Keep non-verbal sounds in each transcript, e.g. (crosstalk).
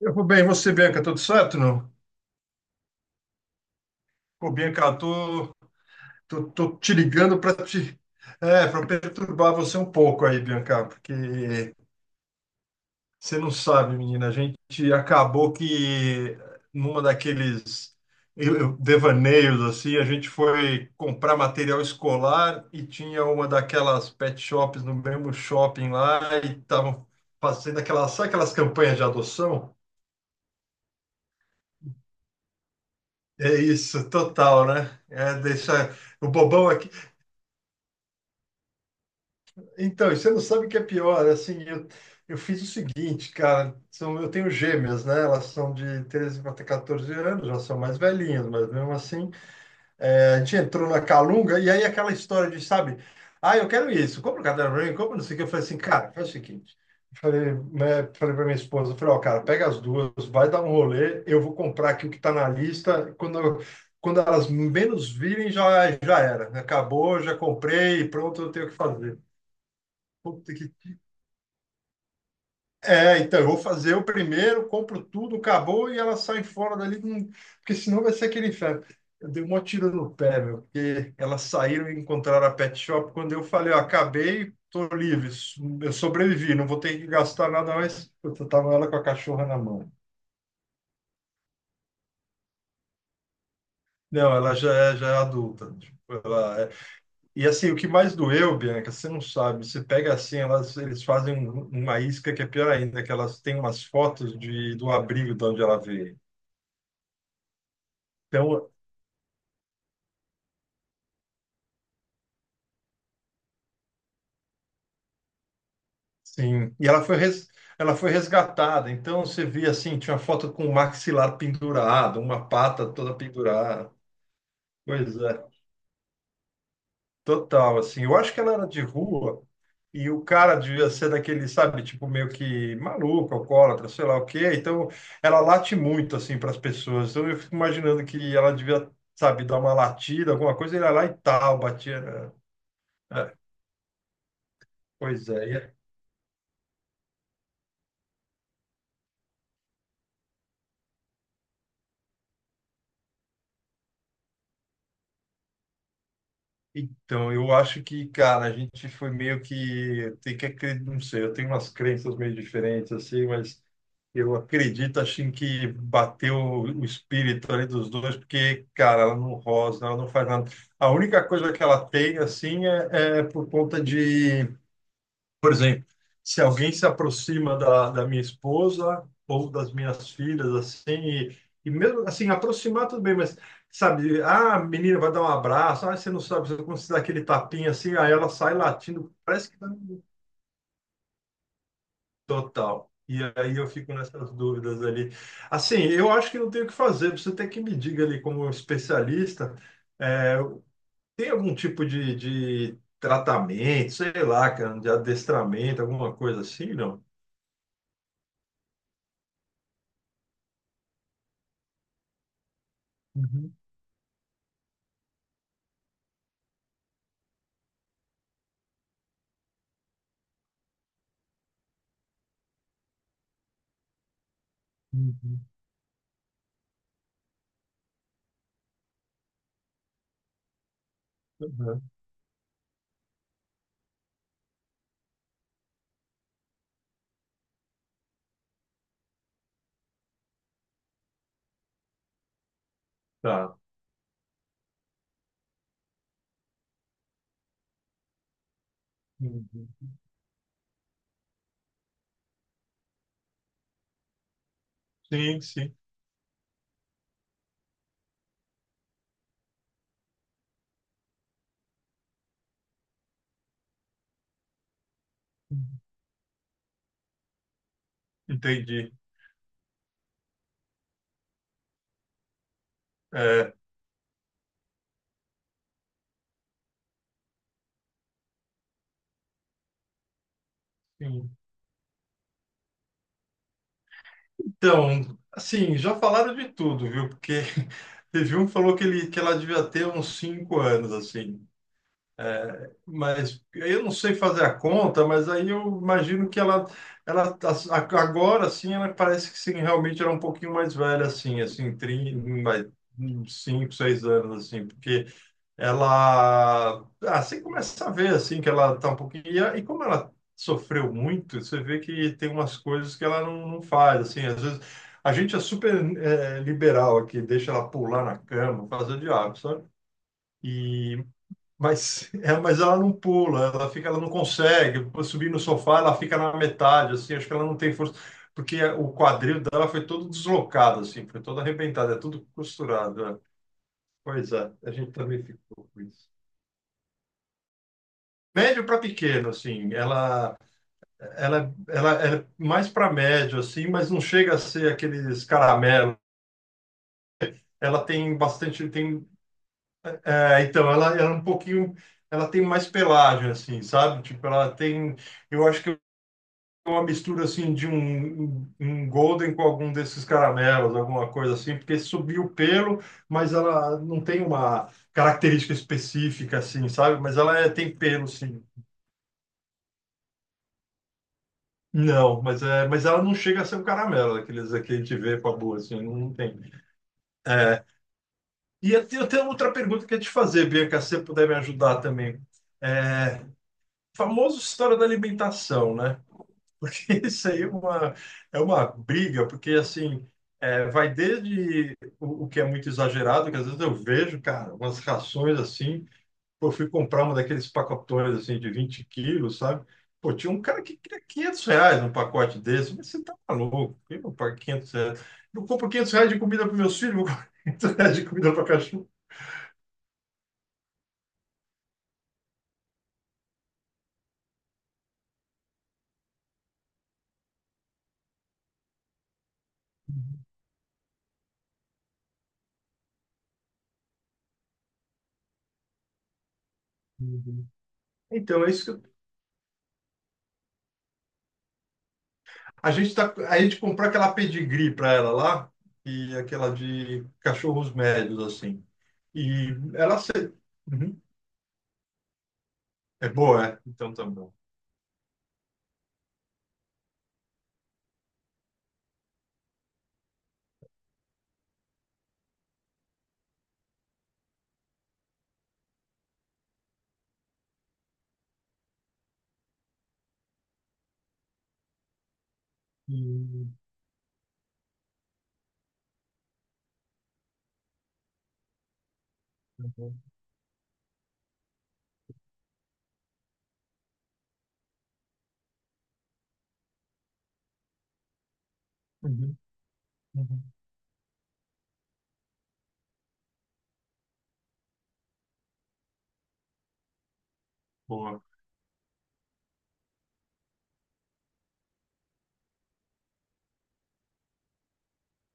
Eu vou bem, e você, Bianca, tudo certo, não? Pô, Bianca, eu tô te ligando para te, para perturbar você um pouco aí, Bianca, porque você não sabe, menina, a gente acabou que numa daqueles devaneios assim, a gente foi comprar material escolar e tinha uma daquelas pet shops no mesmo shopping lá e estavam fazendo aquelas, sabe aquelas campanhas de adoção? É isso, total, né? É, deixa o bobão. Então, e você não sabe o que é pior. Assim, eu fiz o seguinte, cara. Eu tenho gêmeas, né? Elas são de 13 para 14 anos, já são mais velhinhas, mas mesmo assim. A gente entrou na Calunga e aí aquela história de, sabe? Ah, eu quero isso. Compra o caderno pra mim, compra não sei o que. Eu falei assim, cara, faz o seguinte. Eu Falei, né, falei para minha esposa, eu falei, ó, cara, pega as duas, vai dar um rolê, eu vou comprar aqui o que tá na lista. Quando elas menos virem, já era. Né, acabou, já comprei, pronto, eu tenho o que fazer. Puta que... É, então, eu vou fazer o primeiro, compro tudo, acabou e elas saem fora dali, porque senão vai ser aquele inferno. Eu dei um maior tiro no pé, meu, porque elas saíram e encontraram a pet shop. Quando eu falei, ó, acabei, tô livre, eu sobrevivi, não vou ter que gastar nada mais. Eu tava ela com a cachorra na mão. Não, já é adulta. Tipo, ela é- E assim, o que mais doeu, Bianca, você não sabe. Você pega assim, elas, eles fazem uma isca que é pior ainda, que elas têm umas fotos de, do abrigo de onde ela veio. Então, sim, ela foi resgatada. Então você via assim, tinha uma foto com o maxilar pendurado, uma pata toda pendurada. Pois é, total, assim. Eu acho que ela era de rua e o cara devia ser daquele, sabe, tipo meio que maluco, alcoólatra, sei lá o quê. Então ela late muito assim para as pessoas. Então eu fico imaginando que ela devia, sabe, dar uma latida, alguma coisa, ele ia lá e tal, batia, né? É, pois é. Então, eu acho que, cara, a gente foi meio que tem que acreditar, não sei, eu tenho umas crenças meio diferentes assim, mas eu acredito assim que bateu o espírito ali dos dois, porque, cara, ela não rosna, ela não faz nada. A única coisa que ela tem assim é por conta de, por exemplo, se alguém se aproxima da minha esposa ou das minhas filhas, assim, e mesmo assim, aproximar tudo bem, mas sabe, ah, a menina vai dar um abraço, ah, você não sabe você- como se dá aquele tapinha assim, aí ela sai latindo, parece que dá um total. E aí eu fico nessas dúvidas ali. Assim, eu acho que não tem o que fazer, você tem que me diga ali como especialista, é, tem algum tipo de, tratamento, sei lá, cara, de adestramento, alguma coisa assim, não? Uhum. Uhum. Uhum. Tá. Uhum. Sim, sim. Uhum. Entendi. É, sim. Então, assim, já falaram de tudo, viu? Porque (laughs) teve um que falou que, ele, que ela devia ter uns 5 anos, assim. É, mas eu não sei fazer a conta, mas aí eu imagino que ela agora, assim, ela parece que sim, realmente era um pouquinho mais velha, assim, assim, 30, mais uns 5, 6 anos, assim, porque ela assim começa a ver assim que ela tá um pouquinho e, e como ela sofreu muito você vê que tem umas coisas que ela não, não faz assim às vezes a gente é super liberal aqui, deixa ela pular na cama, fazer o diabo, sabe. E mas (laughs) é, mas ela não pula, ela fica, ela não consegue subir no sofá, ela fica na metade assim, acho que ela não tem força porque o quadril dela foi todo deslocado assim, foi todo arrebentado, é tudo costurado, né? Pois é, a gente também ficou com isso. Médio para pequeno, assim, ela é mais para médio, assim, mas não chega a ser aqueles caramelos. Ela tem bastante, tem, é, então, ela é um pouquinho, ela tem mais pelagem, assim, sabe? Tipo, ela tem, eu acho que é uma mistura, assim, de um golden com algum desses caramelos, alguma coisa assim, porque subiu o pelo, mas ela não tem uma característica específica, assim, sabe? Mas ela é, tem pelo, sim. Não, mas, é, mas ela não chega a ser um caramelo, daqueles que a gente vê com a boa, assim, não, não tem. E eu tenho outra pergunta que eu ia te fazer, Bianca, se você puder me ajudar também. É, famoso história da alimentação, né? (laughs) Isso aí é uma briga, porque assim, vai desde o, que é muito exagerado, que às vezes eu vejo, cara, umas rações assim, pô, eu fui comprar um daqueles pacotões assim de 20 quilos, sabe? Pô, tinha um cara que queria R$ 500 num pacote desse. Mas você tá maluco? Eu não pagar R$ 500. Eu compro R$ 500 de comida para meus filhos, vou comprar (laughs) R$ 500 de comida para cachorro. Uhum. Então, é isso que a gente comprou aquela pedigree para ela lá e aquela de cachorros médios assim. E ela se... Uhum. É boa, é. Então tá bom. Uhum. Uhum. Uhum. Uhum. Boa,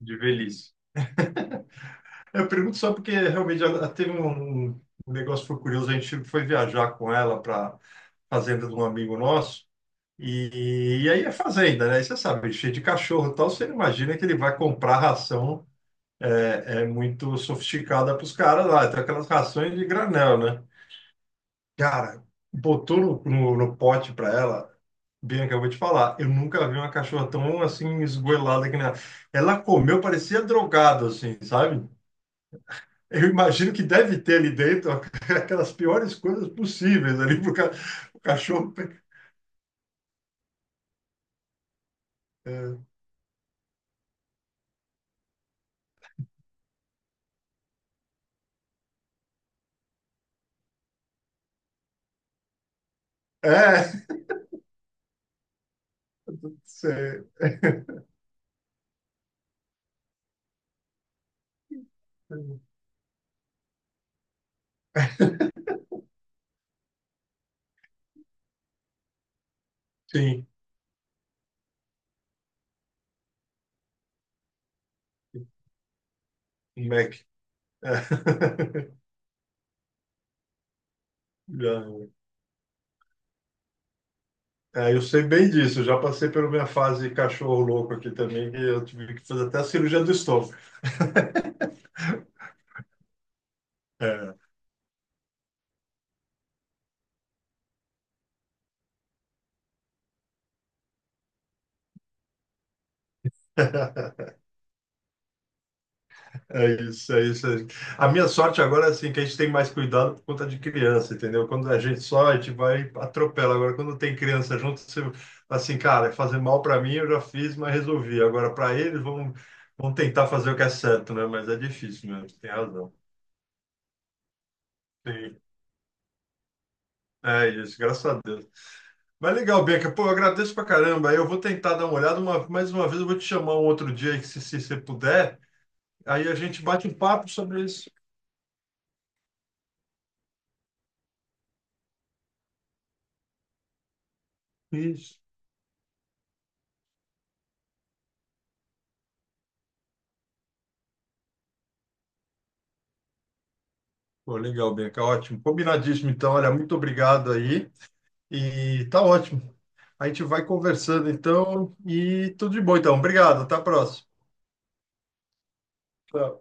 de velhice. Eu pergunto só porque realmente ela teve um negócio que foi curioso. A gente foi viajar com ela para fazenda de um amigo nosso. E aí é fazenda, né? E você sabe, cheio de cachorro e tal. Você não imagina que ele vai comprar ração é muito sofisticada para os caras lá. Então, aquelas rações de granel, né? Cara, botou no pote para ela. Bianca, eu vou te falar, eu nunca vi uma cachorra tão assim esgoelada que nem ela. Ela comeu, parecia drogada, assim, sabe? Eu imagino que deve ter ali dentro (laughs) aquelas piores coisas possíveis ali pro ca... o cachorro. Pe... É, é, cê... (laughs) sim, um Mac. É. (laughs) Já... é, eu sei bem disso, eu já passei pela minha fase cachorro louco aqui também, que eu tive que fazer até a cirurgia do estômago. É. (laughs) É isso, é isso. É isso. A minha sorte agora é assim, que a gente tem mais cuidado por conta de criança, entendeu? Quando a gente só, a gente vai atropela. Agora, quando tem criança junto, você, assim, cara, é fazer mal para mim eu já fiz, mas resolvi. Agora, para eles, vão tentar fazer o que é certo, né? Mas é difícil mesmo, tem razão. Sim, é isso, graças a Deus. Mas legal, Bianca. Pô, eu agradeço pra caramba. Aí eu vou tentar dar uma olhada. Mais uma vez, eu vou te chamar um outro dia, aí, se você puder. Aí a gente bate um papo sobre isso. Isso. Pô, legal, Bianca. Ótimo. Combinadíssimo, então. Olha, muito obrigado aí. E tá ótimo. A gente vai conversando, então. E tudo de bom, então. Obrigado. Até a próxima. Tchau.